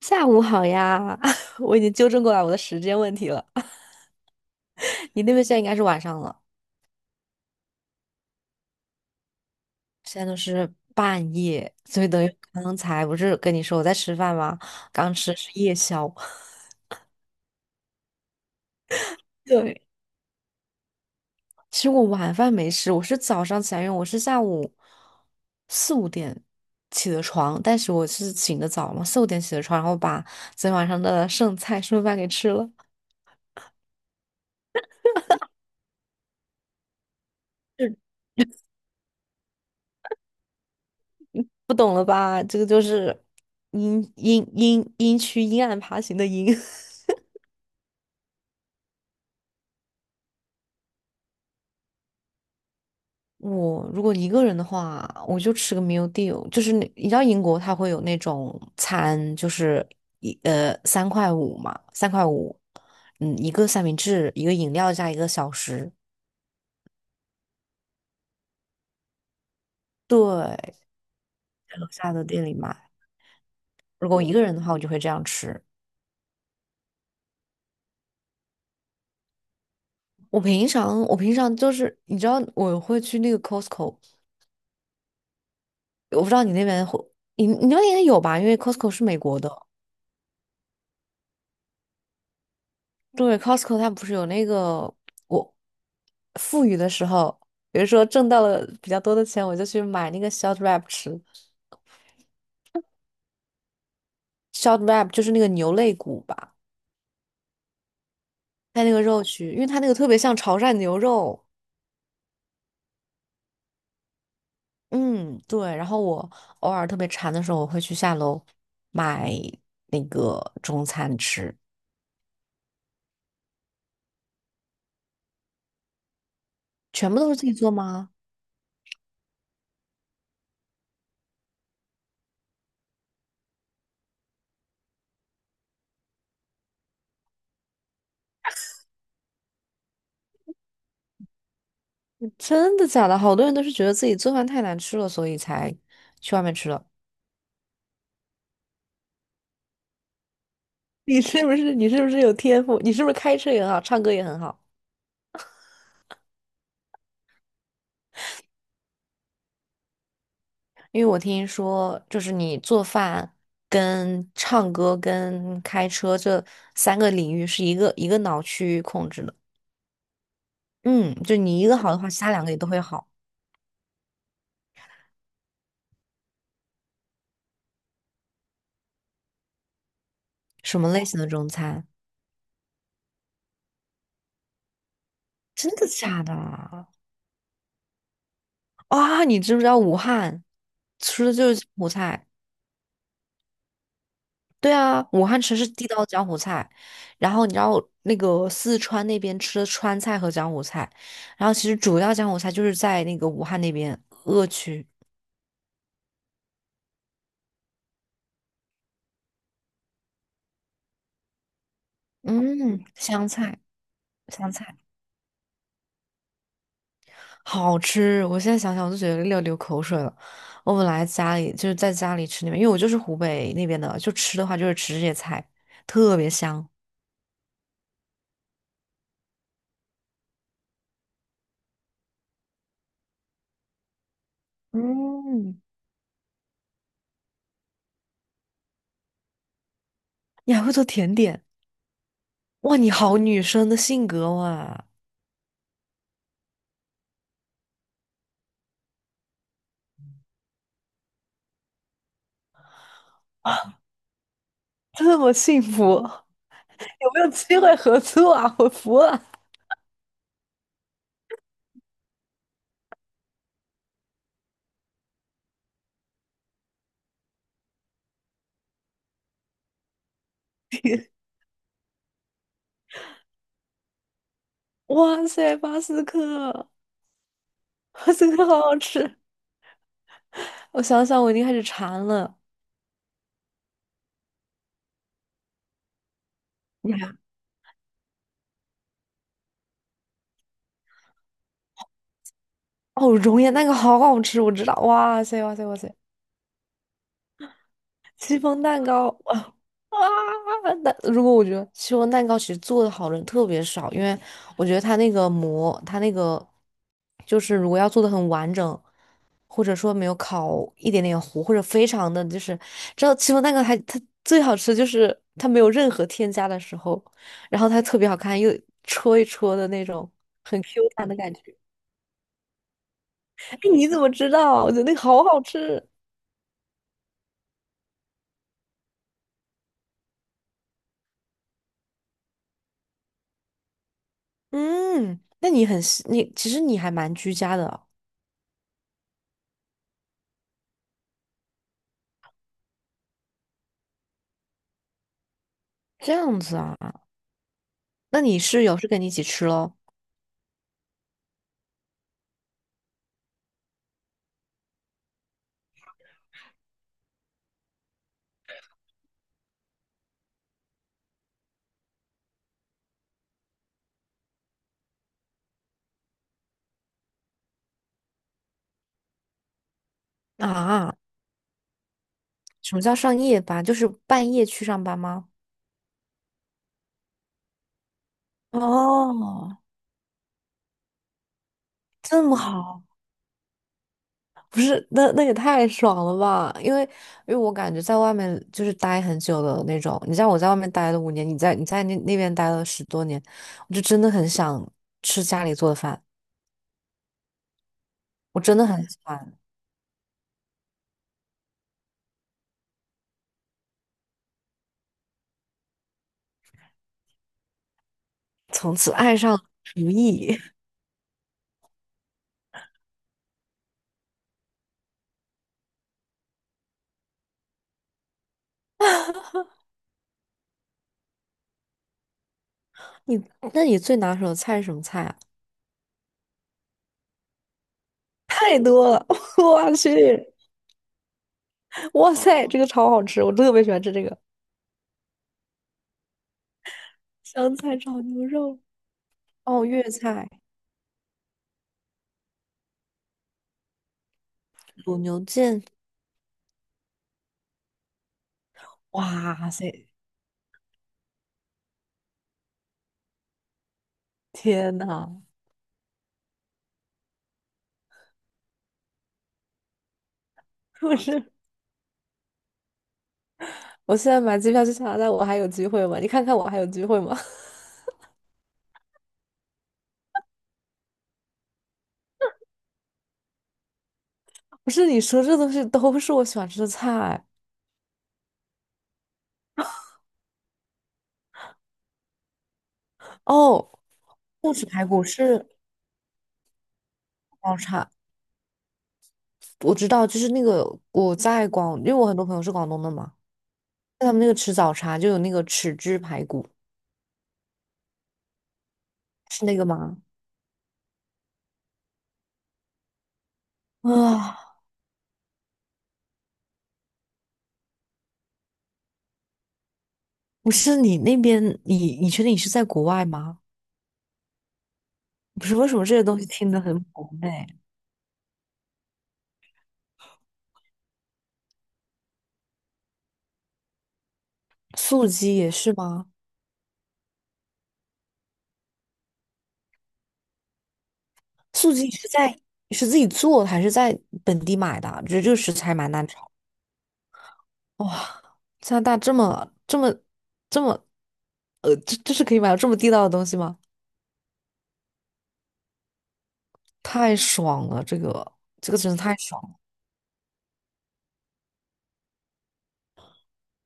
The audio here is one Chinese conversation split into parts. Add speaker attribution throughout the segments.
Speaker 1: 下午好呀，我已经纠正过来我的时间问题了。你那边现在应该是晚上了，现在都是半夜，所以等于刚才不是跟你说我在吃饭吗？刚吃的是夜宵。对，其实我晚饭没吃，我是早上起来，因为我是下午四五点起的床，但是我是醒的早嘛，四五点起的床，然后把昨天晚上的剩菜剩饭给吃了。不懂了吧？这个就是阴阴阴阴区阴暗爬行的阴。我如果一个人的话，我就吃个 meal deal，就是那你知道英国它会有那种餐，就是三块五嘛，三块五，嗯，一个三明治，一个饮料加一个小食，对，在楼下的店里买。如果我一个人的话，我就会这样吃。我平常就是你知道我会去那个 Costco，我不知道你那边会，你那边应该有吧？因为 Costco 是美国的。对，Costco 它不是有那个我富裕的时候，比如说挣到了比较多的钱，我就去买那个 short rib 吃。short rib 就是那个牛肋骨吧，它那个肉去，因为它那个特别像潮汕牛肉。嗯，对。然后我偶尔特别馋的时候，我会去下楼买那个中餐吃。全部都是自己做吗？真的假的？好多人都是觉得自己做饭太难吃了，所以才去外面吃了。你是不是有天赋？你是不是开车也很好，唱歌也很好？因为我听说，就是你做饭、跟唱歌、跟开车这3个领域是一个一个脑区控制的。嗯，就你一个好的话，其他2个也都会好。什么类型的中餐？真的假的啊？你知不知道武汉吃的就是柬菜。对啊，武汉吃是地道江湖菜，然后你知道那个四川那边吃的川菜和江湖菜，然后其实主要江湖菜就是在那个武汉那边鄂区，嗯，湘菜，湘菜好吃，我现在想想我都觉得要流口水了。我本来家里就是在家里吃那边，因为我就是湖北那边的，就吃的话就是吃这些菜，特别香。嗯，你还会做甜点，哇，你好女生的性格哇，这么幸福。有没有机会合作啊？我服了！哇塞，巴斯克，巴斯克好好吃。我想想，我已经开始馋了。你还哦，熔岩蛋糕好好吃，我知道。哇塞，哇塞，哇塞，戚风蛋糕啊，那如果我觉得戚风蛋糕其实做的好的人特别少，因为我觉得它那个膜，它那个就是如果要做的很完整，或者说没有烤一点点糊，或者非常的就是，知道戚风蛋糕它最好吃就是它没有任何添加的时候，然后它特别好看，又戳一戳的那种很 Q 弹的感觉。哎，你怎么知道啊？我觉得那个好好吃。嗯，那你很细你其实你还蛮居家的哦，这样子啊。那你室友是跟你一起吃喽？啊，什么叫上夜班？就是半夜去上班吗？哦，这么好，不是，那也太爽了吧？因为我感觉在外面就是待很久的那种，你像我在外面待了5年，你在那边待了10多年，我就真的很想吃家里做的饭，我真的很喜欢，从此爱上厨艺。你那你最拿手的菜是什么菜啊？太多了，我去，哇塞，这个超好吃，我特别喜欢吃这个。香菜炒牛肉，哦，粤菜卤牛腱，哇塞，天呐！不是我现在买机票去加拿大，我还有机会吗？你看看我还有机会吗？不是你说这东西都是我喜欢吃的菜哦，不止排骨是广茶，我知道，就是那个我在广，因为我很多朋友是广东的嘛，他们那个吃早茶就有那个豉汁排骨，是那个吗？啊，不是你那边，你确定你是在国外吗？不是为什么这些东西听得很普遍？素鸡也是吗？素鸡是自己做的还是在本地买的啊？觉得这个食材蛮难炒。哇，加拿大这么，这是可以买到这么地道的东西吗？太爽了，这个真的太爽了。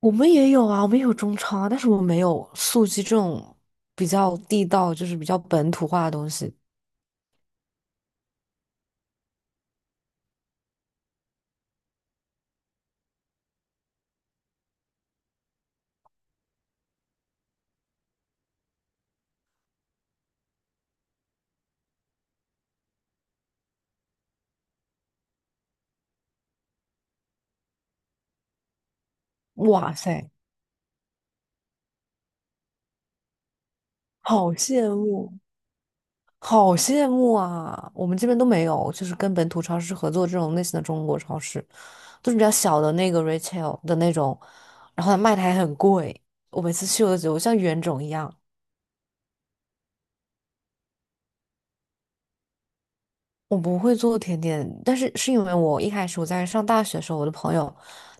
Speaker 1: 我们也有啊，我们也有中超啊，但是我们没有素鸡这种比较地道，就是比较本土化的东西。哇塞，好羡慕！好羡慕啊！我们这边都没有，就是跟本土超市合作这种类型的中国超市，都是比较小的那个 retail 的那种，然后它卖的还很贵。我每次去我都觉得我像冤种一样。我不会做甜点，但是是因为我一开始在上大学的时候，我的朋友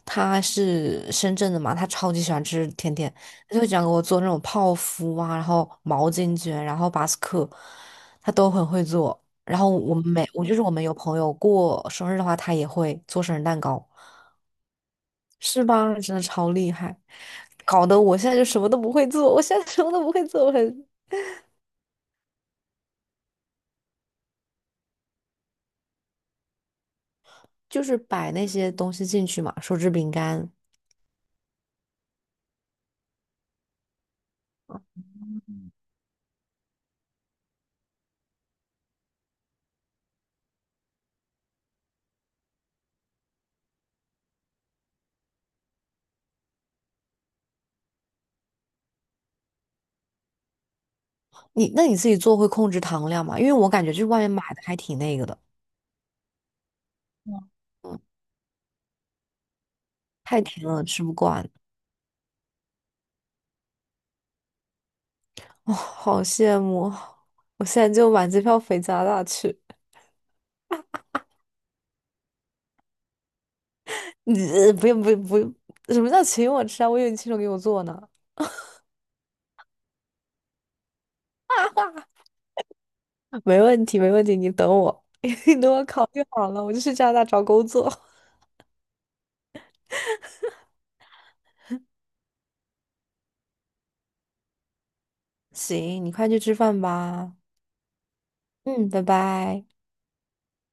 Speaker 1: 他是深圳的嘛，他超级喜欢吃甜点，他就想讲给我做那种泡芙啊，然后毛巾卷，然后巴斯克，他都很会做。然后我们每我就是我们有朋友过生日的话，他也会做生日蛋糕，是吧？真的超厉害，搞得我现在就什么都不会做，我现在什么都不会做，我很就是摆那些东西进去嘛，手指饼干。那你自己做会控制糖量吗？因为我感觉就是外面买的还挺那个的，嗯，太甜了，吃不惯。哦，好羡慕！我现在就买机票飞加拿大去。不用不用不用，什么叫请我吃啊？我以为你亲手给我做呢。哈哈，没问题没问题，你等我，你等我考虑好了，我就去加拿大找工作。行，你快去吃饭吧。嗯，拜拜。